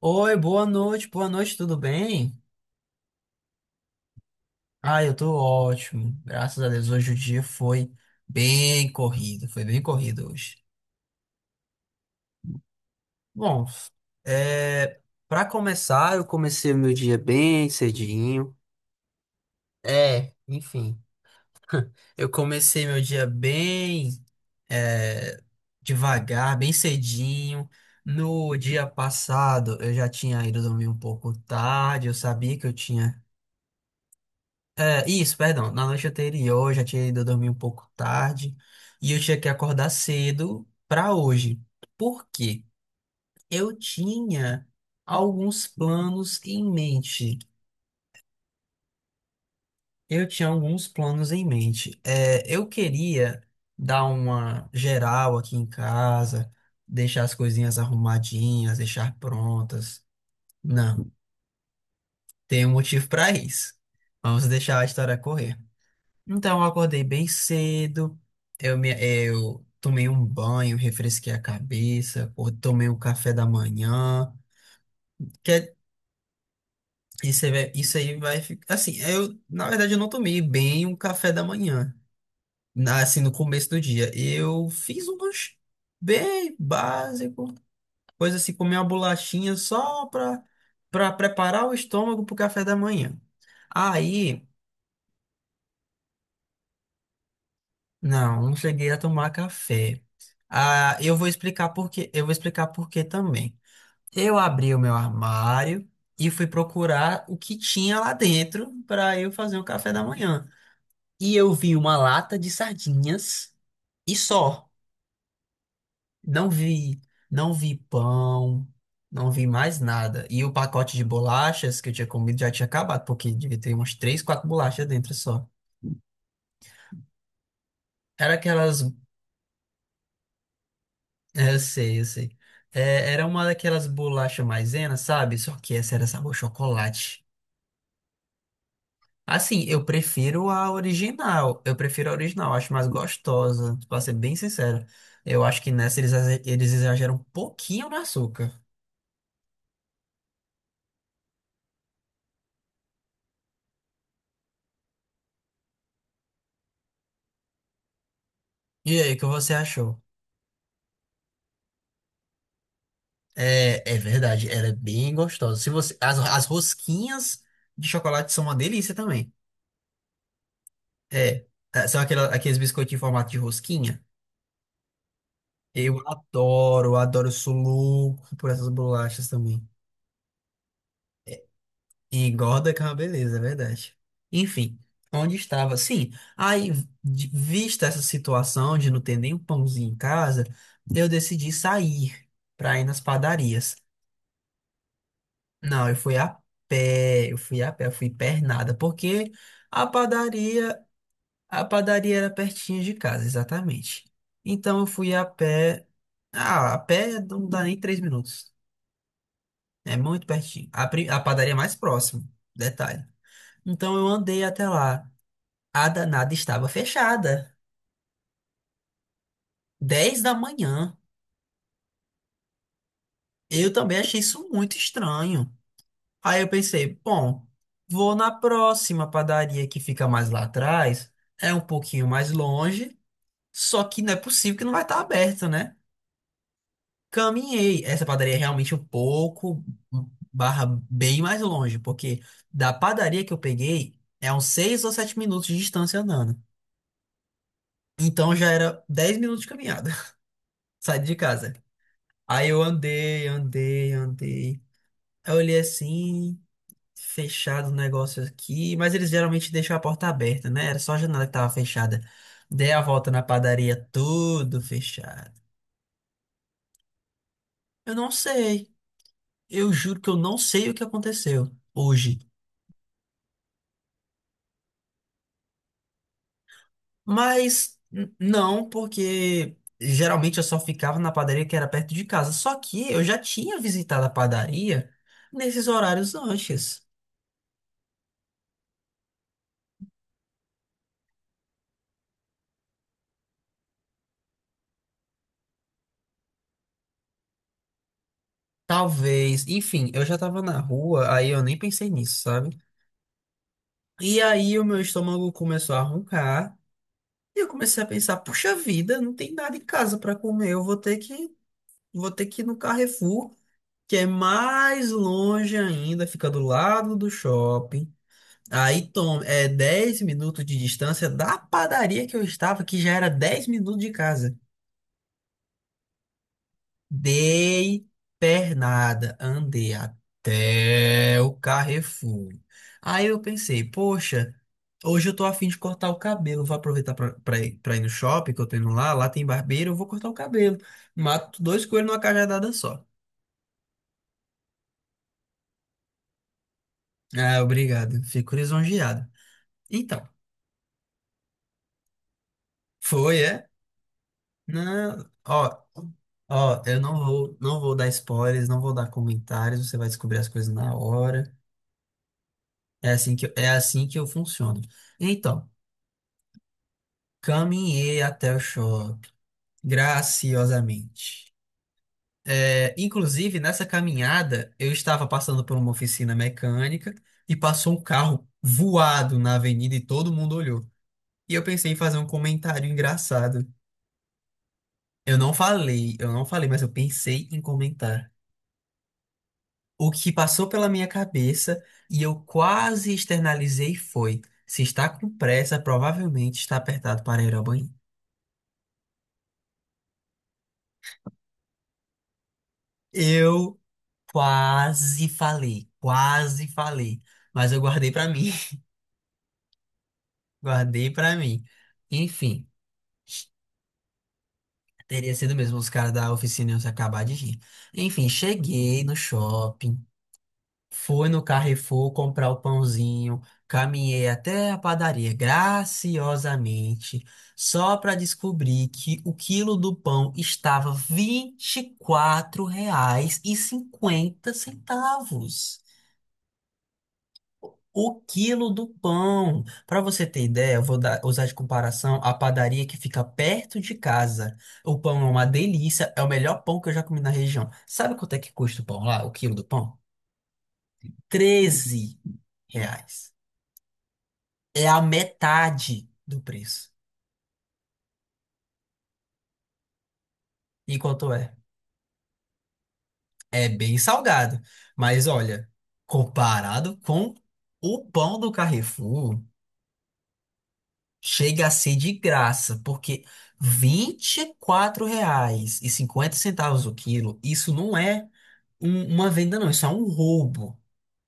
Oi, boa noite, tudo bem? Ah, eu tô ótimo, graças a Deus. Hoje o dia foi bem corrido hoje. Bom, é, para começar, eu comecei o meu dia bem cedinho. Enfim, eu comecei meu dia bem é, devagar, bem cedinho. No dia passado, eu já tinha ido dormir um pouco tarde, eu sabia que eu tinha. É, isso, perdão. Na noite anterior, eu já tinha ido dormir um pouco tarde e eu tinha que acordar cedo para hoje. Por quê? Eu tinha alguns planos em mente. Eu tinha alguns planos em mente. Eu queria dar uma geral aqui em casa, deixar as coisinhas arrumadinhas, deixar prontas. Não, tem um motivo para isso. Vamos deixar a história correr. Então, eu acordei bem cedo, eu tomei um banho, refresquei a cabeça, ou tomei o café da manhã. Que é- isso, aí vai- Isso aí vai ficar. Assim, eu, na verdade, eu não tomei bem um café da manhã, assim, no começo do dia. Eu fiz um lanche bem básico, coisa assim, comer uma bolachinha só para preparar o estômago para o café da manhã. Aí. Não, não cheguei a tomar café. Ah, eu vou explicar por quê. Eu vou explicar por quê também. Eu abri o meu armário e fui procurar o que tinha lá dentro para eu fazer o café da manhã. E eu vi uma lata de sardinhas e só. Não vi, não vi pão, não vi mais nada. E o pacote de bolachas que eu tinha comido já tinha acabado, porque devia ter umas três, quatro bolachas dentro só. Era aquelas. Eu sei, eu sei. É, era uma daquelas bolachas maisena, sabe? Só que essa era sabor chocolate. Assim, eu prefiro a original. Eu prefiro a original, acho mais gostosa, pra ser bem sincero. Eu acho que nessa eles exageram um pouquinho no açúcar. E aí, o que você achou? É, é verdade, ela é bem gostosa. Se você, as rosquinhas de chocolate são uma delícia também. É, são aqueles biscoitinhos em formato de rosquinha. Eu adoro, adoro, eu sou louco por essas bolachas também. E engorda que é uma beleza, é verdade. Enfim, onde estava? Sim, aí, vista essa situação de não ter nem um pãozinho em casa, eu decidi sair para ir nas padarias. Não, eu fui a pé, eu fui a pé, eu fui pernada, porque a padaria, a padaria era pertinho de casa, exatamente. Então eu fui a pé, ah, a pé não dá nem 3 minutos. É muito pertinho. A padaria mais próxima. Detalhe. Então eu andei até lá. A danada estava fechada. 10 da manhã. Eu também achei isso muito estranho. Aí eu pensei, bom, vou na próxima padaria que fica mais lá atrás. É um pouquinho mais longe. Só que não é possível que não vai estar aberta, né? Caminhei. Essa padaria é realmente um pouco barra bem mais longe, porque da padaria que eu peguei é uns 6 ou 7 minutos de distância andando. Então já era 10 minutos de caminhada, saí de casa. Aí eu andei, andei, andei. Aí eu olhei assim, fechado o negócio aqui, mas eles geralmente deixam a porta aberta, né? Era só a janela que tava fechada. Dei a volta na padaria, tudo fechado. Eu não sei, eu juro que eu não sei o que aconteceu hoje. Mas não, porque geralmente eu só ficava na padaria que era perto de casa. Só que eu já tinha visitado a padaria nesses horários antes. Talvez, enfim, eu já tava na rua, aí eu nem pensei nisso, sabe? E aí o meu estômago começou a roncar, e eu comecei a pensar, puxa vida, não tem nada em casa pra comer, eu vou ter que ir no Carrefour, que é mais longe ainda, fica do lado do shopping. Aí tom é 10 minutos de distância da padaria que eu estava, que já era 10 minutos de casa. Dei pernada, andei até o Carrefour. Aí eu pensei, poxa, hoje eu tô afim de cortar o cabelo. Vou aproveitar pra ir no shopping, que eu tô indo lá, lá tem barbeiro, eu vou cortar o cabelo. Mato dois coelhos numa cajadada só. Ah, obrigado, fico lisonjeado. Então, foi, é? Não, ó, eu não vou dar spoilers, não vou dar comentários, você vai descobrir as coisas na hora. É assim que eu funciono. Então, caminhei até o shopping, graciosamente. É, inclusive, nessa caminhada, eu estava passando por uma oficina mecânica e passou um carro voado na avenida e todo mundo olhou. E eu pensei em fazer um comentário engraçado. Eu não falei, mas eu pensei em comentar. O que passou pela minha cabeça e eu quase externalizei foi: se está com pressa, provavelmente está apertado para ir ao banheiro. Eu quase falei, mas eu guardei pra mim, guardei pra mim. Enfim, teria sido mesmo os caras da oficina iam se acabar de rir. Enfim, cheguei no shopping, fui no Carrefour comprar o pãozinho, caminhei até a padaria graciosamente, só pra descobrir que o quilo do pão estava R$ 24,50. O quilo do pão. Para você ter ideia, usar de comparação a padaria que fica perto de casa. O pão é uma delícia, é o melhor pão que eu já comi na região. Sabe quanto é que custa o pão lá, o quilo do pão? R$ 13. É a metade do preço. E quanto é? É bem salgado. Mas olha, comparado com o pão do Carrefour. Chega a ser de graça, porque vinte e quatro reais e cinquenta centavos o quilo, isso não é uma venda, não, isso é um roubo.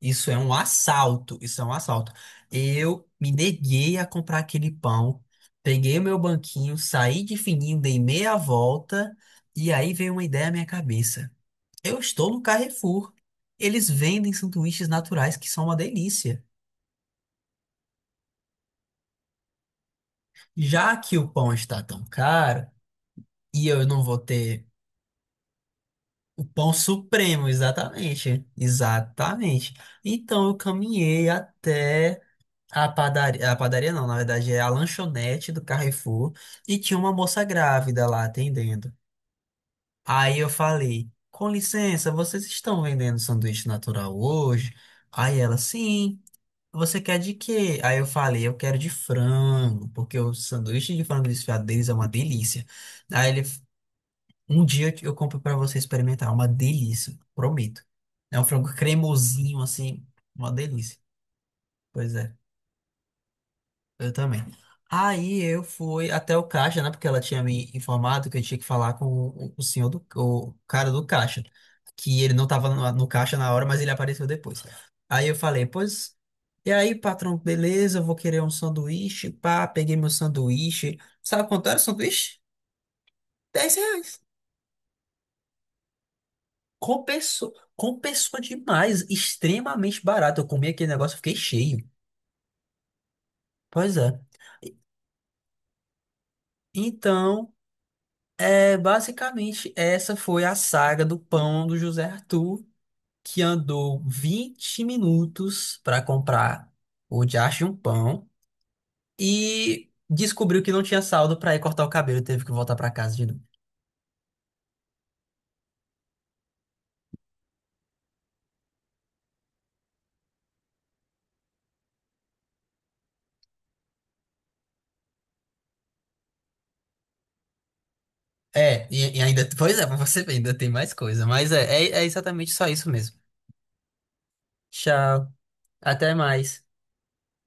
Isso é um assalto, isso é um assalto. Eu me neguei a comprar aquele pão, peguei o meu banquinho, saí de fininho, dei meia volta, e aí veio uma ideia à minha cabeça. Eu estou no Carrefour. Eles vendem sanduíches naturais que são uma delícia. Já que o pão está tão caro, e eu não vou ter. O pão supremo, exatamente. Exatamente. Então eu caminhei até a padaria não, na verdade é a lanchonete do Carrefour e tinha uma moça grávida lá atendendo. Aí eu falei: "Com licença, vocês estão vendendo sanduíche natural hoje?" Aí ela: "Sim. Você quer de quê?" Aí eu falei: "Eu quero de frango, porque o sanduíche de frango desfiado deles é uma delícia." Aí ele Um dia eu compro pra você experimentar. É uma delícia, prometo. É um frango cremosinho, assim, uma delícia. Pois é, eu também. Aí eu fui até o caixa, né? Porque ela tinha me informado que eu tinha que falar com o senhor o cara do caixa. Que ele não tava no caixa na hora, mas ele apareceu depois. Aí eu falei, pois. E aí, patrão, beleza, eu vou querer um sanduíche. Pá, peguei meu sanduíche. Sabe quanto era o sanduíche? R$ 10. Compensou, compensou demais, extremamente barato. Eu comi aquele negócio, e fiquei cheio. Pois é. Então, é, basicamente, essa foi a saga do pão do José Arthur, que andou 20 minutos para comprar o diacho de um pão e descobriu que não tinha saldo para ir cortar o cabelo e teve que voltar para casa de novo. É, e ainda, pois é, pra você ver, ainda tem mais coisa, mas é exatamente só isso mesmo. Tchau, até mais.